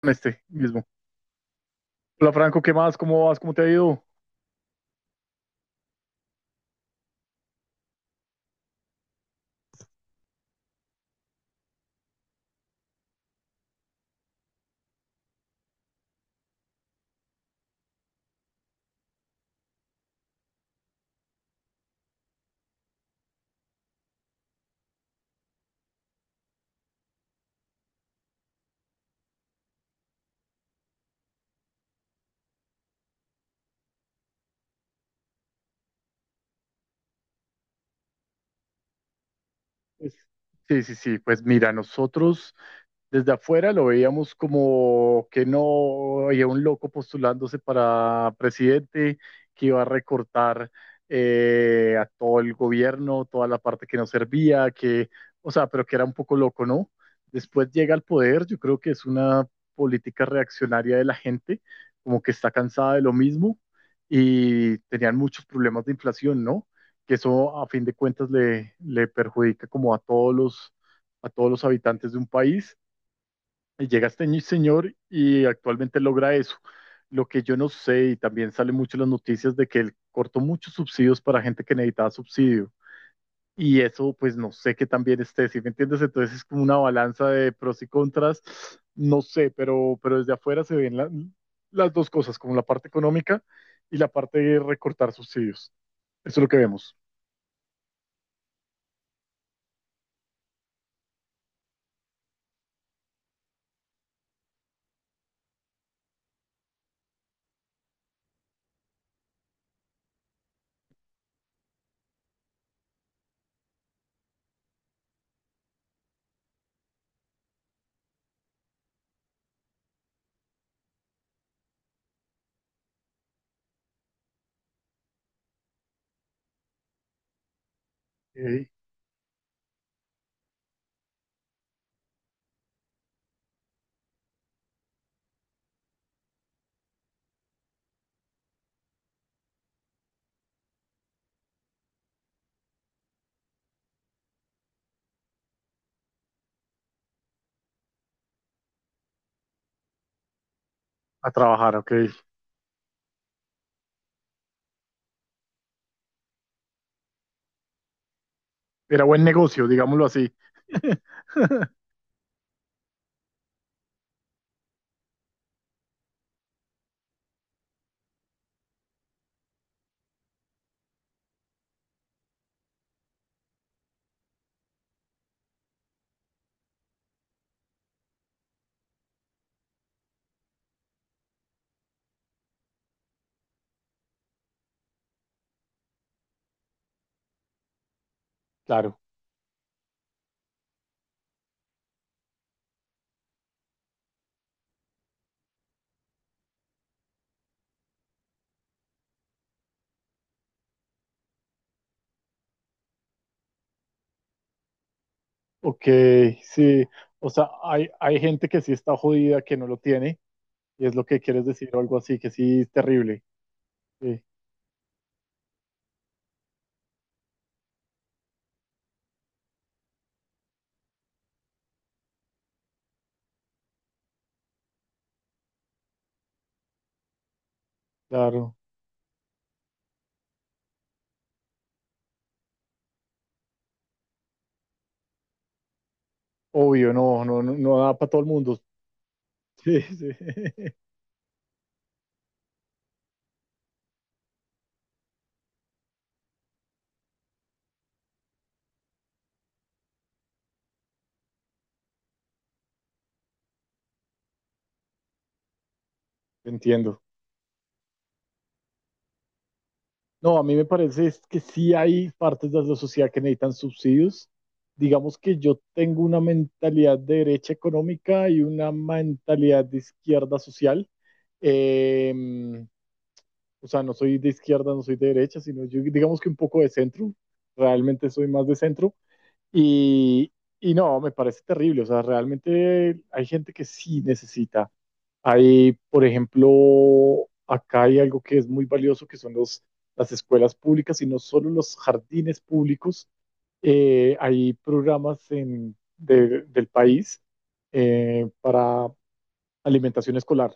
Con este mismo. Hola Franco, ¿qué más? ¿Cómo vas? ¿Cómo te ha ido? Pues- Sí, sí, sí. Pues mira, nosotros desde afuera lo veíamos como que no había un loco postulándose para presidente que iba a recortar a todo el gobierno, toda la parte que no servía, que, o sea, pero que era un poco loco, ¿no? Después llega al poder, yo creo que es una política reaccionaria de la gente, como que está cansada de lo mismo y tenían muchos problemas de inflación, ¿no? Que eso a fin de cuentas le perjudica como a todos a todos los habitantes de un país. Y llega este señor y actualmente logra eso. Lo que yo no sé, y también sale mucho en las noticias de que él cortó muchos subsidios para gente que necesitaba subsidio. Y eso, pues no sé qué también esté, ¿sí me entiendes? Entonces es como una balanza de pros y contras. No sé, pero desde afuera se ven las dos cosas, como la parte económica y la parte de recortar subsidios. Eso es lo que vemos. A trabajar, ok. Era buen negocio, digámoslo así. Claro, ok, sí. O sea, hay gente que sí está jodida, que no lo tiene, y es lo que quieres decir o algo así, que sí es terrible. Sí, claro. Obvio, no, no, no, no da para todo el mundo. Sí, sí. Entiendo. No, a mí me parece es que sí hay partes de la sociedad que necesitan subsidios. Digamos que yo tengo una mentalidad de derecha económica y una mentalidad de izquierda social. Em, o sea, no soy de izquierda, no soy de derecha, sino yo digamos que un poco de centro, realmente soy más de centro y, y no, me parece terrible, o sea, realmente hay gente que sí necesita. Hay, por ejemplo, acá hay algo que es muy valioso, que son las escuelas públicas y no solo los jardines públicos. Hay programas en, del país para alimentación escolar.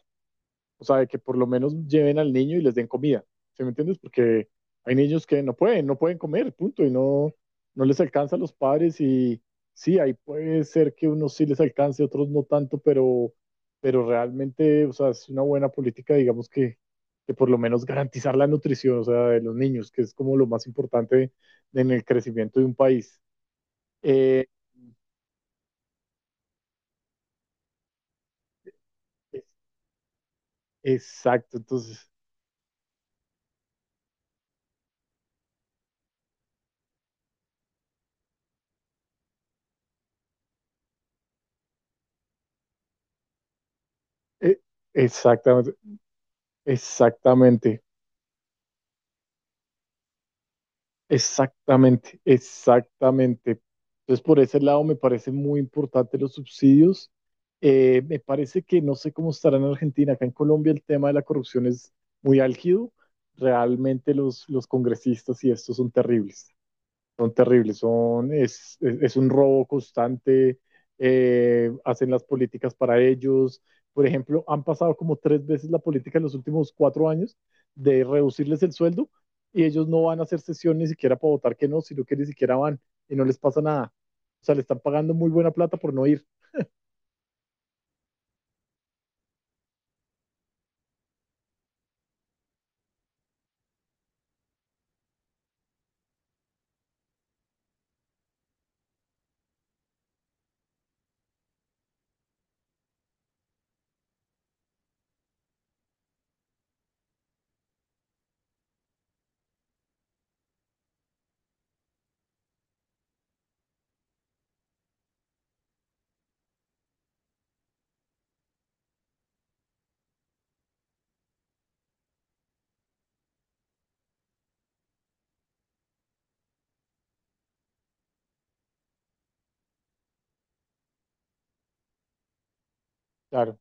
O sea, de que por lo menos lleven al niño y les den comida. ¿Sí me entiendes? Porque hay niños que no pueden, no pueden comer, punto, y no, no les alcanza a los padres y sí, ahí puede ser que unos sí les alcance, otros no tanto, pero realmente, o sea, es una buena política, digamos que por lo menos garantizar la nutrición, o sea, de los niños, que es como lo más importante en el crecimiento de un país. Eh, exacto, entonces, eh, exactamente, exactamente. Exactamente, exactamente. Entonces, por ese lado me parece muy importante los subsidios. Me parece que no sé cómo estará en Argentina, acá en Colombia el tema de la corrupción es muy álgido. Realmente los congresistas y estos son terribles son terribles, son, es un robo constante, hacen las políticas para ellos. Por ejemplo, han pasado como tres veces la política en los últimos cuatro años de reducirles el sueldo y ellos no van a hacer sesión ni siquiera para votar que no, sino que ni siquiera van y no les pasa nada. O sea, le están pagando muy buena plata por no ir. Claro,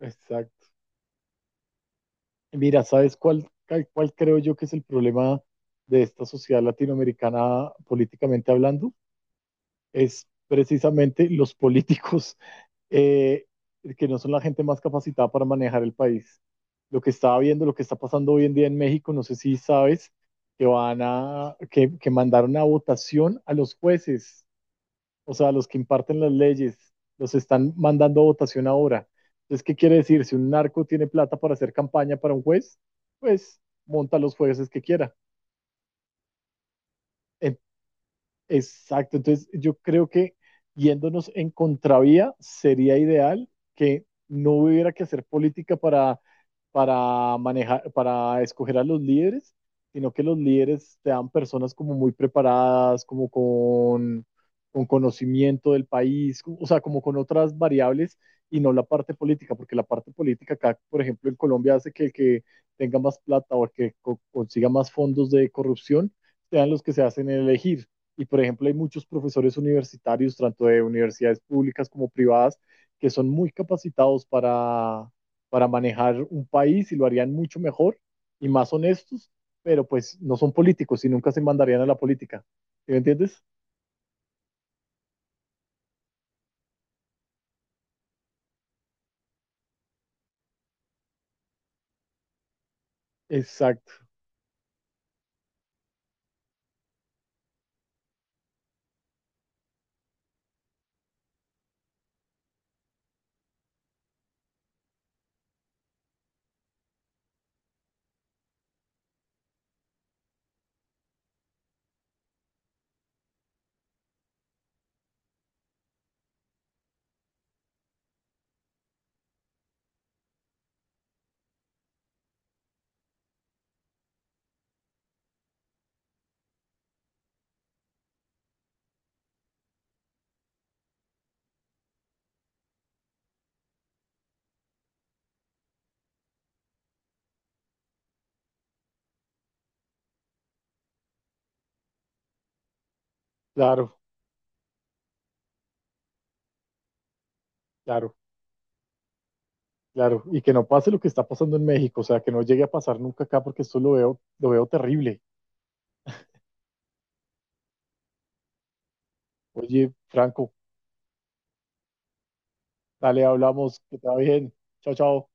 exacto. Mira, ¿sabes cuál creo yo que es el problema de esta sociedad latinoamericana políticamente hablando? Es precisamente los políticos eh, que no son la gente más capacitada para manejar el país. Lo que estaba viendo, lo que está pasando hoy en día en México, no sé si sabes, que van que mandaron a votación a los jueces, o sea, a los que imparten las leyes, los están mandando a votación ahora. Entonces, ¿qué quiere decir? Si un narco tiene plata para hacer campaña para un juez, pues monta los jueces que quiera. En- Exacto, entonces yo creo que yéndonos en contravía sería ideal que no hubiera que hacer política para manejar, para escoger a los líderes, sino que los líderes sean personas como muy preparadas, como con conocimiento del país, o sea, como con otras variables y no la parte política, porque la parte política acá, por ejemplo, en Colombia hace que el que tenga más plata o el que consiga más fondos de corrupción sean los que se hacen elegir y por ejemplo, hay muchos profesores universitarios, tanto de universidades públicas como privadas, que son muy capacitados para manejar un país y lo harían mucho mejor y más honestos, pero pues no son políticos y nunca se mandarían a la política. ¿Sí ¿Me entiendes? Exacto, claro, claro, claro. Y que no pase lo que está pasando en México, o sea, que no llegue a pasar nunca acá porque esto lo veo terrible. Oye, Franco, dale, hablamos, que te va bien. Chao, chao.